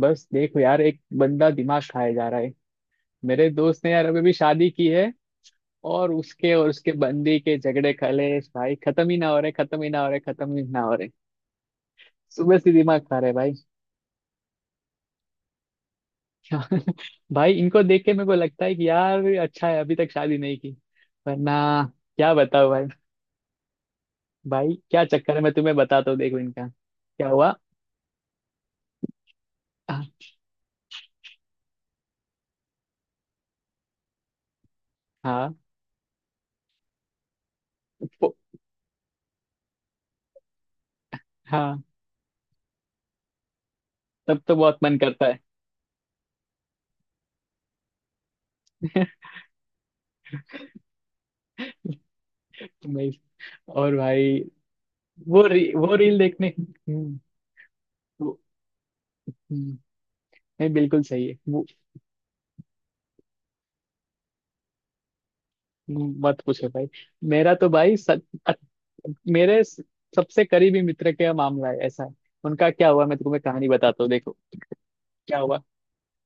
बस देखो यार, एक बंदा दिमाग खाए जा रहा है। मेरे दोस्त ने यार अभी भी शादी की है। और उसके बंदी के झगड़े कलेश भाई खत्म ही ना हो रहे, खत्म ही ना हो रहे, खत्म ही ना हो रहे। सुबह से दिमाग खा रहे भाई। भाई इनको देख के मेरे को लगता है कि यार अच्छा है अभी तक शादी नहीं की, वरना क्या बताओ भाई। भाई क्या चक्कर है मैं तुम्हें बताता हूँ, देखो इनका क्या हुआ। हाँ। वो- हाँ, तब तो बहुत मन करता है। मैं- और भाई, वो रील देखने। हम्म, नहीं, बिल्कुल सही है वो। मत पूछो भाई, मेरा तो भाई सच, अ- मेरे स- सबसे करीबी मित्र का मामला है, ऐसा है। उनका क्या हुआ मैं तुम्हें कहानी बताता हूँ, देखो क्या हुआ।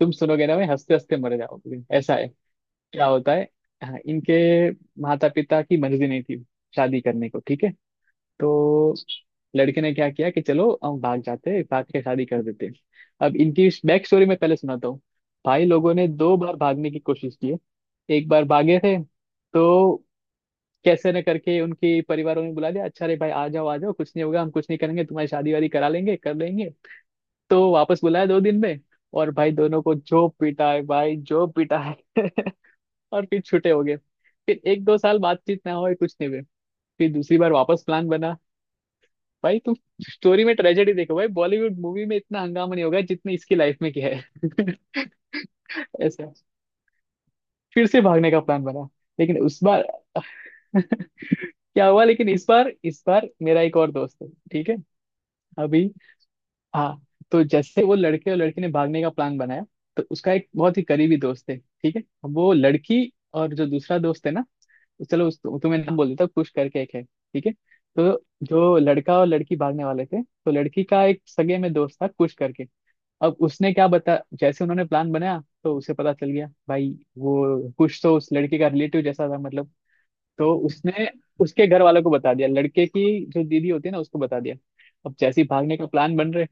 तुम सुनोगे ना, मैं हंसते हंसते मर जाओगे, ऐसा है क्या होता है। हाँ, इनके माता पिता की मर्जी नहीं थी शादी करने को, ठीक है। तो लड़के ने क्या किया कि चलो हम भाग जाते हैं, भाग के शादी कर देते हैं। अब इनकी बैक स्टोरी मैं पहले सुनाता हूँ। भाई लोगों ने दो बार भागने की कोशिश की है। एक बार भागे थे तो कैसे न करके उनके परिवारों ने बुला दिया, अच्छा रे भाई आ जाओ कुछ नहीं होगा, हम कुछ नहीं करेंगे तुम्हारी शादी वादी करा लेंगे, कर लेंगे। तो वापस बुलाया दो दिन में, और भाई दोनों को जो पीटा है भाई, जो पीटा है। और फिर छूटे हो गए, फिर एक दो साल बातचीत ना हो, कुछ नहीं हुए। फिर दूसरी बार वापस प्लान बना। भाई तुम स्टोरी में ट्रेजेडी देखो भाई, बॉलीवुड मूवी में इतना हंगामा नहीं होगा जितने इसकी लाइफ में किया है। ऐसा फिर से भागने का प्लान बना, लेकिन उस बार। क्या हुआ, लेकिन इस बार, इस बार मेरा एक और दोस्त है, ठीक है अभी। हाँ, तो जैसे वो लड़के और लड़की ने भागने का प्लान बनाया, तो उसका एक बहुत ही करीबी दोस्त है, ठीक है। वो लड़की, और जो दूसरा दोस्त है ना, चलो उस तुम्हें नाम बोल देता हूँ, कुश करके एक है, ठीक है। तो जो लड़का और लड़की भागने वाले थे, तो लड़की का एक सगे में दोस्त था कुश करके। अब उसने क्या बता, जैसे उन्होंने प्लान बनाया तो उसे पता चल गया भाई। वो कुश तो उस लड़के का रिलेटिव जैसा था मतलब। तो उसने उसके घर वालों को बता दिया, लड़के की जो दीदी होती है ना, उसको बता दिया। अब जैसे ही भागने का प्लान बन रहे,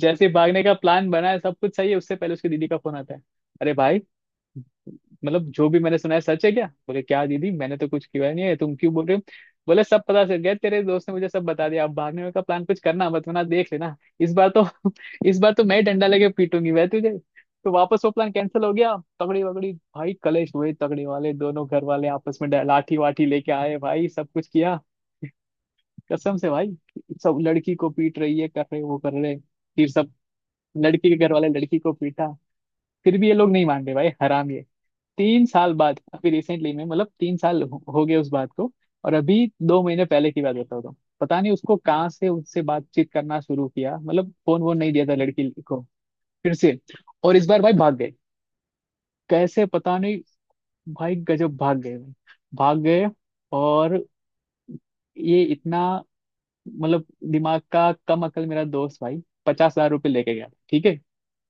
जैसे ही भागने का प्लान बना है, सब कुछ सही है, उससे पहले उसकी दीदी का फोन आता है। अरे भाई, मतलब जो भी मैंने सुना है सच है क्या? बोले, क्या दीदी मैंने तो कुछ किया नहीं है, तुम क्यों बोल रहे हो। बोले, सब पता चल गया, तेरे दोस्त ने मुझे सब बता दिया, अब भागने का प्लान कुछ करना मत वरना देख लेना। इस बार तो इस बार तो मैं ही डंडा लेके पीटूंगी वह तुझे। तो वापस वो प्लान कैंसिल हो गया, तगड़ी वगड़ी भाई कलेश हुए, तगड़ी वाले दोनों घर वाले आपस में लाठी वाठी लेके आए भाई, सब कुछ किया। कसम से भाई। सब लड़की को पीट रही है, कर रहे वो कर रहे, फिर सब लड़की के घर वाले लड़की को पीटा। फिर भी ये लोग नहीं मान रहे भाई, हराम। 3 साल बाद अभी रिसेंटली में, मतलब 3 साल हो गए उस बात को। और अभी 2 महीने पहले की बात बता रहा हूँ। पता नहीं उसको कहाँ से उससे बातचीत करना शुरू किया, मतलब फोन वोन नहीं दिया था लड़की को। फिर से, और इस बार भाई भाग गए। कैसे पता नहीं। भाई गजब भाग गए भाई, भाग गए। और ये इतना, मतलब दिमाग का कम अकल मेरा दोस्त भाई, 50,000 रुपये लेके गया, ठीक है।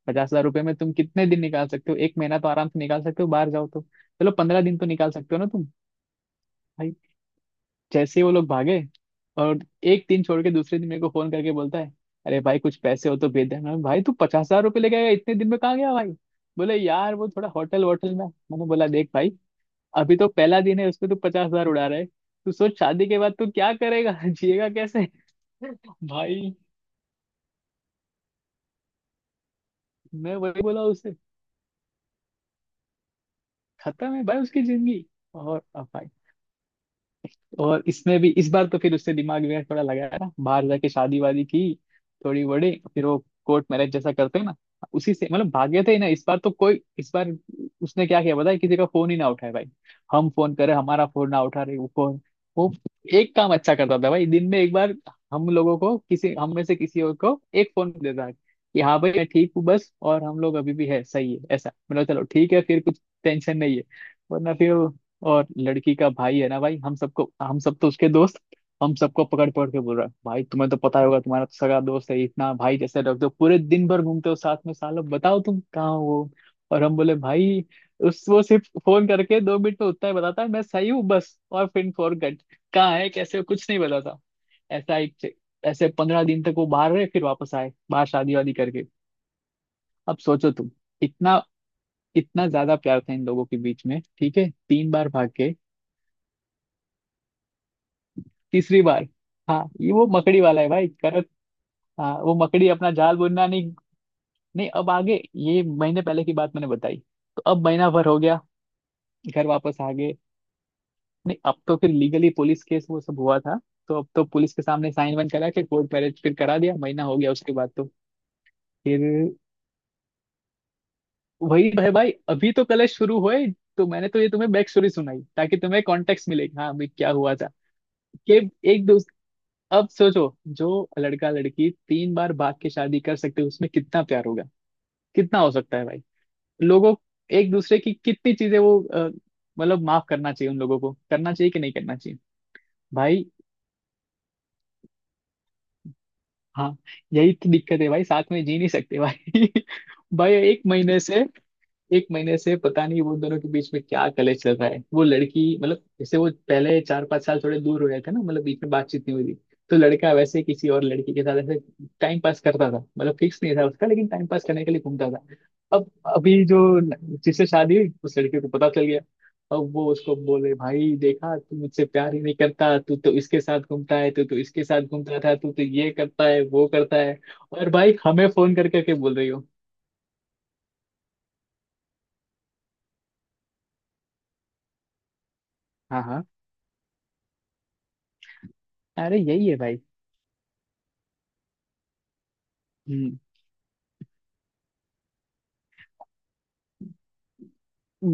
50,000 रुपये में तुम कितने दिन निकाल सकते हो? एक महीना तो आराम से निकाल सकते हो, बाहर जाओ तो चलो 15 दिन तो निकाल सकते हो ना तुम। भाई। जैसे ही वो लोग भागे, और एक दिन छोड़ के दूसरे दिन मेरे को फोन करके बोलता है, अरे भाई कुछ पैसे हो तो भेज देना। भाई तू 50,000 रुपये लेके आया, इतने दिन में कहाँ गया भाई? बोले यार वो थोड़ा होटल वोटल में। मैंने बोला, देख भाई, अभी तो पहला दिन है उसमें तू 50,000 उड़ा रहा है, तू सोच शादी के बाद तू क्या करेगा, जिएगा कैसे। भाई, मैं वही बोला उसे। खत्म है भाई उसकी जिंदगी। और अब भाई, और इसमें भी इस बार तो फिर उससे दिमाग वगैरह थोड़ा लगाया ना, बाहर जाके शादी वादी की, थोड़ी बड़ी फिर वो कोर्ट मैरिज जैसा करते हैं ना, उसी से। मतलब भागे थे ना इस बार तो, कोई इस बार उसने क्या किया पता है, किसी का फोन ही ना उठाए भाई। हम फोन करें, हमारा फोन ना उठा रहे वो फोन। वो एक काम अच्छा करता था भाई, दिन में एक बार हम लोगों को, किसी हम में से किसी और को एक फोन देता कि हाँ भाई मैं ठीक हूँ बस, और हम लोग अभी भी है सही है, ऐसा मतलब, चलो ठीक है फिर कुछ टेंशन नहीं है। वरना फिर वो, और लड़की का भाई है ना भाई, हम सब तो उसके दोस्त, हम सबको पकड़ पकड़ के बोल रहा है भाई, तुम्हें तो पता ही होगा, तुम्हारा तो सगा दोस्त है इतना भाई, जैसे रख दो पूरे दिन भर घूमते हो साथ में सालों, बताओ तुम कहाँ हो वो। और हम बोले भाई, उस वो सिर्फ फोन करके 2 मिनट में उतना ही बताता है, मैं सही हूँ बस और फिर फॉरगेट, कहाँ है कैसे हो, कुछ नहीं बताता। ऐसा एक, ऐसे 15 दिन तक वो बाहर रहे, फिर वापस आए बाहर शादी वादी करके। अब सोचो तुम, इतना, इतना ज्यादा प्यार था इन लोगों के बीच में, ठीक है, तीन बार भाग के। तीसरी बार, हाँ ये वो मकड़ी वाला है भाई करत, हाँ वो मकड़ी अपना जाल बुनना नहीं। नहीं, अब आगे ये महीने पहले की बात मैंने बताई, तो अब महीना भर हो गया घर वापस आ गए। नहीं, अब तो फिर लीगली पुलिस केस वो सब हुआ था, तो अब तो पुलिस के सामने साइन वाइन करा के कोर्ट मैरिज फिर करा दिया, महीना हो गया उसके बाद तो। फिर वही है भाई, अभी तो कलेश शुरू हुए। तो मैंने तो ये तुम्हें बैक स्टोरी सुनाई ताकि तुम्हें कॉन्टेक्स्ट मिले, हाँ भाई क्या हुआ था कि एक दो। अब सोचो, जो लड़का लड़की तीन बार भाग के शादी कर सकते हैं उसमें कितना प्यार होगा? कितना हो सकता है भाई, लोगों, एक दूसरे की कितनी चीजें वो मतलब माफ करना चाहिए उन लोगों को, करना चाहिए कि नहीं करना चाहिए? भाई, हाँ, यही तो दिक्कत है भाई, साथ में जी नहीं सकते भाई। भाई एक महीने से, एक महीने से पता नहीं वो दोनों के बीच में क्या कलेश चल रहा है। वो लड़की मतलब जैसे वो पहले 4-5 साल थोड़े दूर हो गए थे ना, मतलब बीच में बातचीत नहीं हुई थी, तो लड़का वैसे किसी और लड़की के साथ ऐसे टाइम पास करता था, मतलब फिक्स नहीं था उसका, लेकिन टाइम पास करने के लिए घूमता था। अब अभी जो जिससे शादी हुई, उस लड़के को पता चल गया। अब वो उसको बोले, भाई देखा तू मुझसे प्यार ही नहीं करता, तू तो इसके साथ घूमता है, तू तो इसके साथ घूमता था, तू तो ये करता है वो करता है। और भाई हमें फोन करके के बोल रही हो। हाँ, हाँ, अरे यही है भाई।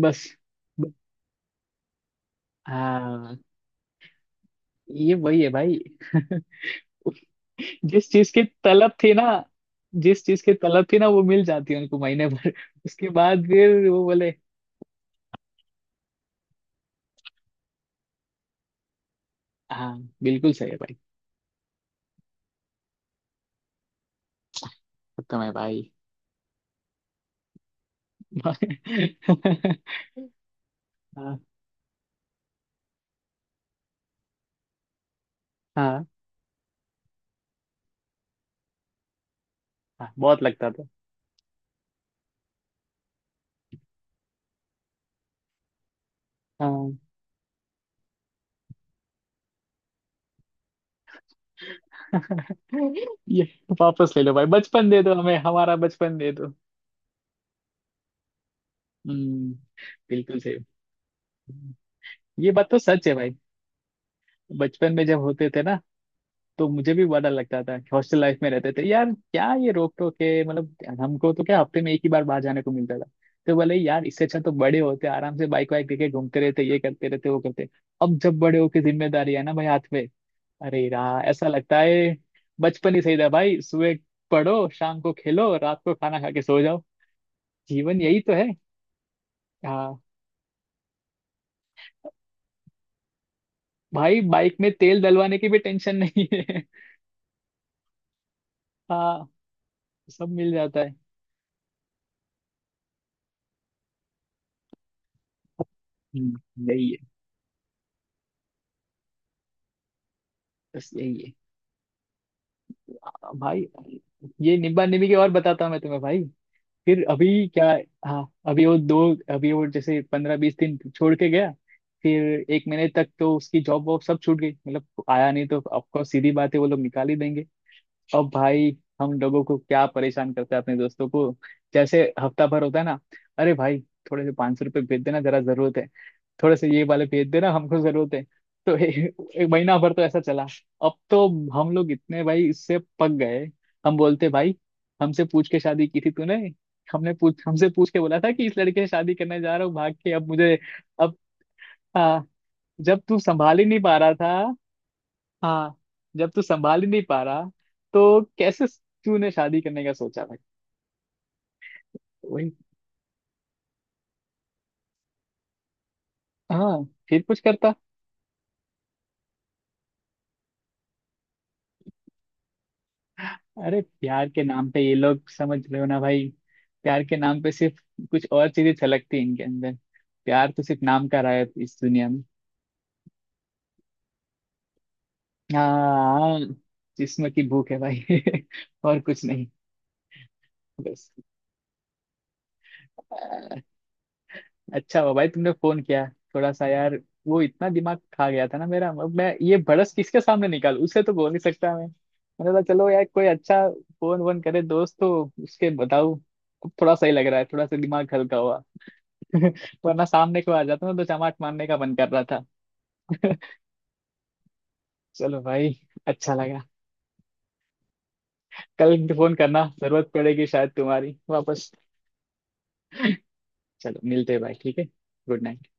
बस, ब- हाँ, ये वही है भाई। जिस चीज की तलब थी ना, जिस चीज की तलब थी ना वो मिल जाती है उनको महीने भर। उसके बाद फिर वो बोले, हाँ बिल्कुल सही है भाई। खत्म है भाई। हाँ। हाँ। हाँ बहुत लगता था। हाँ। ये वापस ले लो भाई, बचपन दे दो हमें, हमारा बचपन दे दो। हम्म। बिल्कुल सही, ये बात तो सच है भाई। बचपन में जब होते थे ना, तो मुझे भी बड़ा डर लगता था, हॉस्टल लाइफ में रहते थे यार, क्या ये रोक टोक है मतलब, हमको तो क्या हफ्ते में एक ही बार बाहर जाने को मिलता था। तो बोले यार इससे अच्छा तो बड़े होते आराम से बाइक वाइक लेके घूमते रहते, ये करते रहते वो करते। अब जब बड़े होके जिम्मेदारी है ना भाई हाथ में, अरे यार ऐसा लगता है बचपन ही सही था भाई। सुबह पढ़ो, शाम को खेलो, रात को खाना खा के सो जाओ, जीवन यही तो है। हाँ, भाई बाइक में तेल डलवाने की भी टेंशन नहीं है। हाँ, सब मिल जाता है। यही है। बस यही है भाई। ये निब्बा निबी के और बताता हूँ मैं तुम्हें भाई, फिर अभी क्या। हाँ अभी वो दो, अभी वो जैसे 15-20 दिन छोड़ के गया, फिर एक महीने तक तो उसकी जॉब वॉब सब छूट गई, मतलब आया नहीं तो ऑफकोर्स सीधी बात है वो लोग निकाल ही देंगे। अब भाई हम लोगों को क्या परेशान करते हैं अपने दोस्तों को, जैसे हफ्ता भर होता है ना, अरे भाई थोड़े से 500 रुपये भेज देना जरा जरूरत है, थोड़े से ये वाले भेज देना हमको जरूरत है। तो ए- एक महीना भर तो ऐसा चला। अब तो हम लोग इतने भाई इससे पक गए, हम बोलते भाई हमसे पूछ के शादी की थी तूने, हमने पूछ हमसे पूछ के बोला था कि इस लड़के से शादी करने जा रहा हूँ भाग के, अब मुझे। अब, हाँ, जब तू संभाल ही नहीं पा रहा था, हाँ जब तू संभाल ही नहीं पा रहा, तो कैसे तूने शादी करने का सोचा भाई? तो वही, हाँ फिर कुछ करता। अरे प्यार के नाम पे ये लोग, समझ रहे हो ना भाई, प्यार के नाम पे सिर्फ कुछ और चीजें छलकती हैं इनके अंदर। प्यार तो सिर्फ नाम का रहा है इस दुनिया में। हाँ, जिस्म की भूख है भाई, और कुछ नहीं। बस, अ, अच्छा हुआ भाई तुमने फोन किया, थोड़ा सा यार वो इतना दिमाग खा गया था ना मेरा, अब मैं ये भड़स किसके सामने निकालूं, उसे तो बोल नहीं सकता मैं, मैंने बोला चलो यार कोई अच्छा फोन वोन करे दोस्त तो उसके बताऊं। अब थोड़ा सही लग रहा है, थोड़ा सा दिमाग हल्का हुआ। वरना सामने को आ जाता ना तो चमाट मारने का मन कर रहा था। चलो भाई, अच्छा लगा। कल फोन करना, जरूरत पड़ेगी शायद तुम्हारी वापस। चलो मिलते हैं भाई, ठीक है। Good night.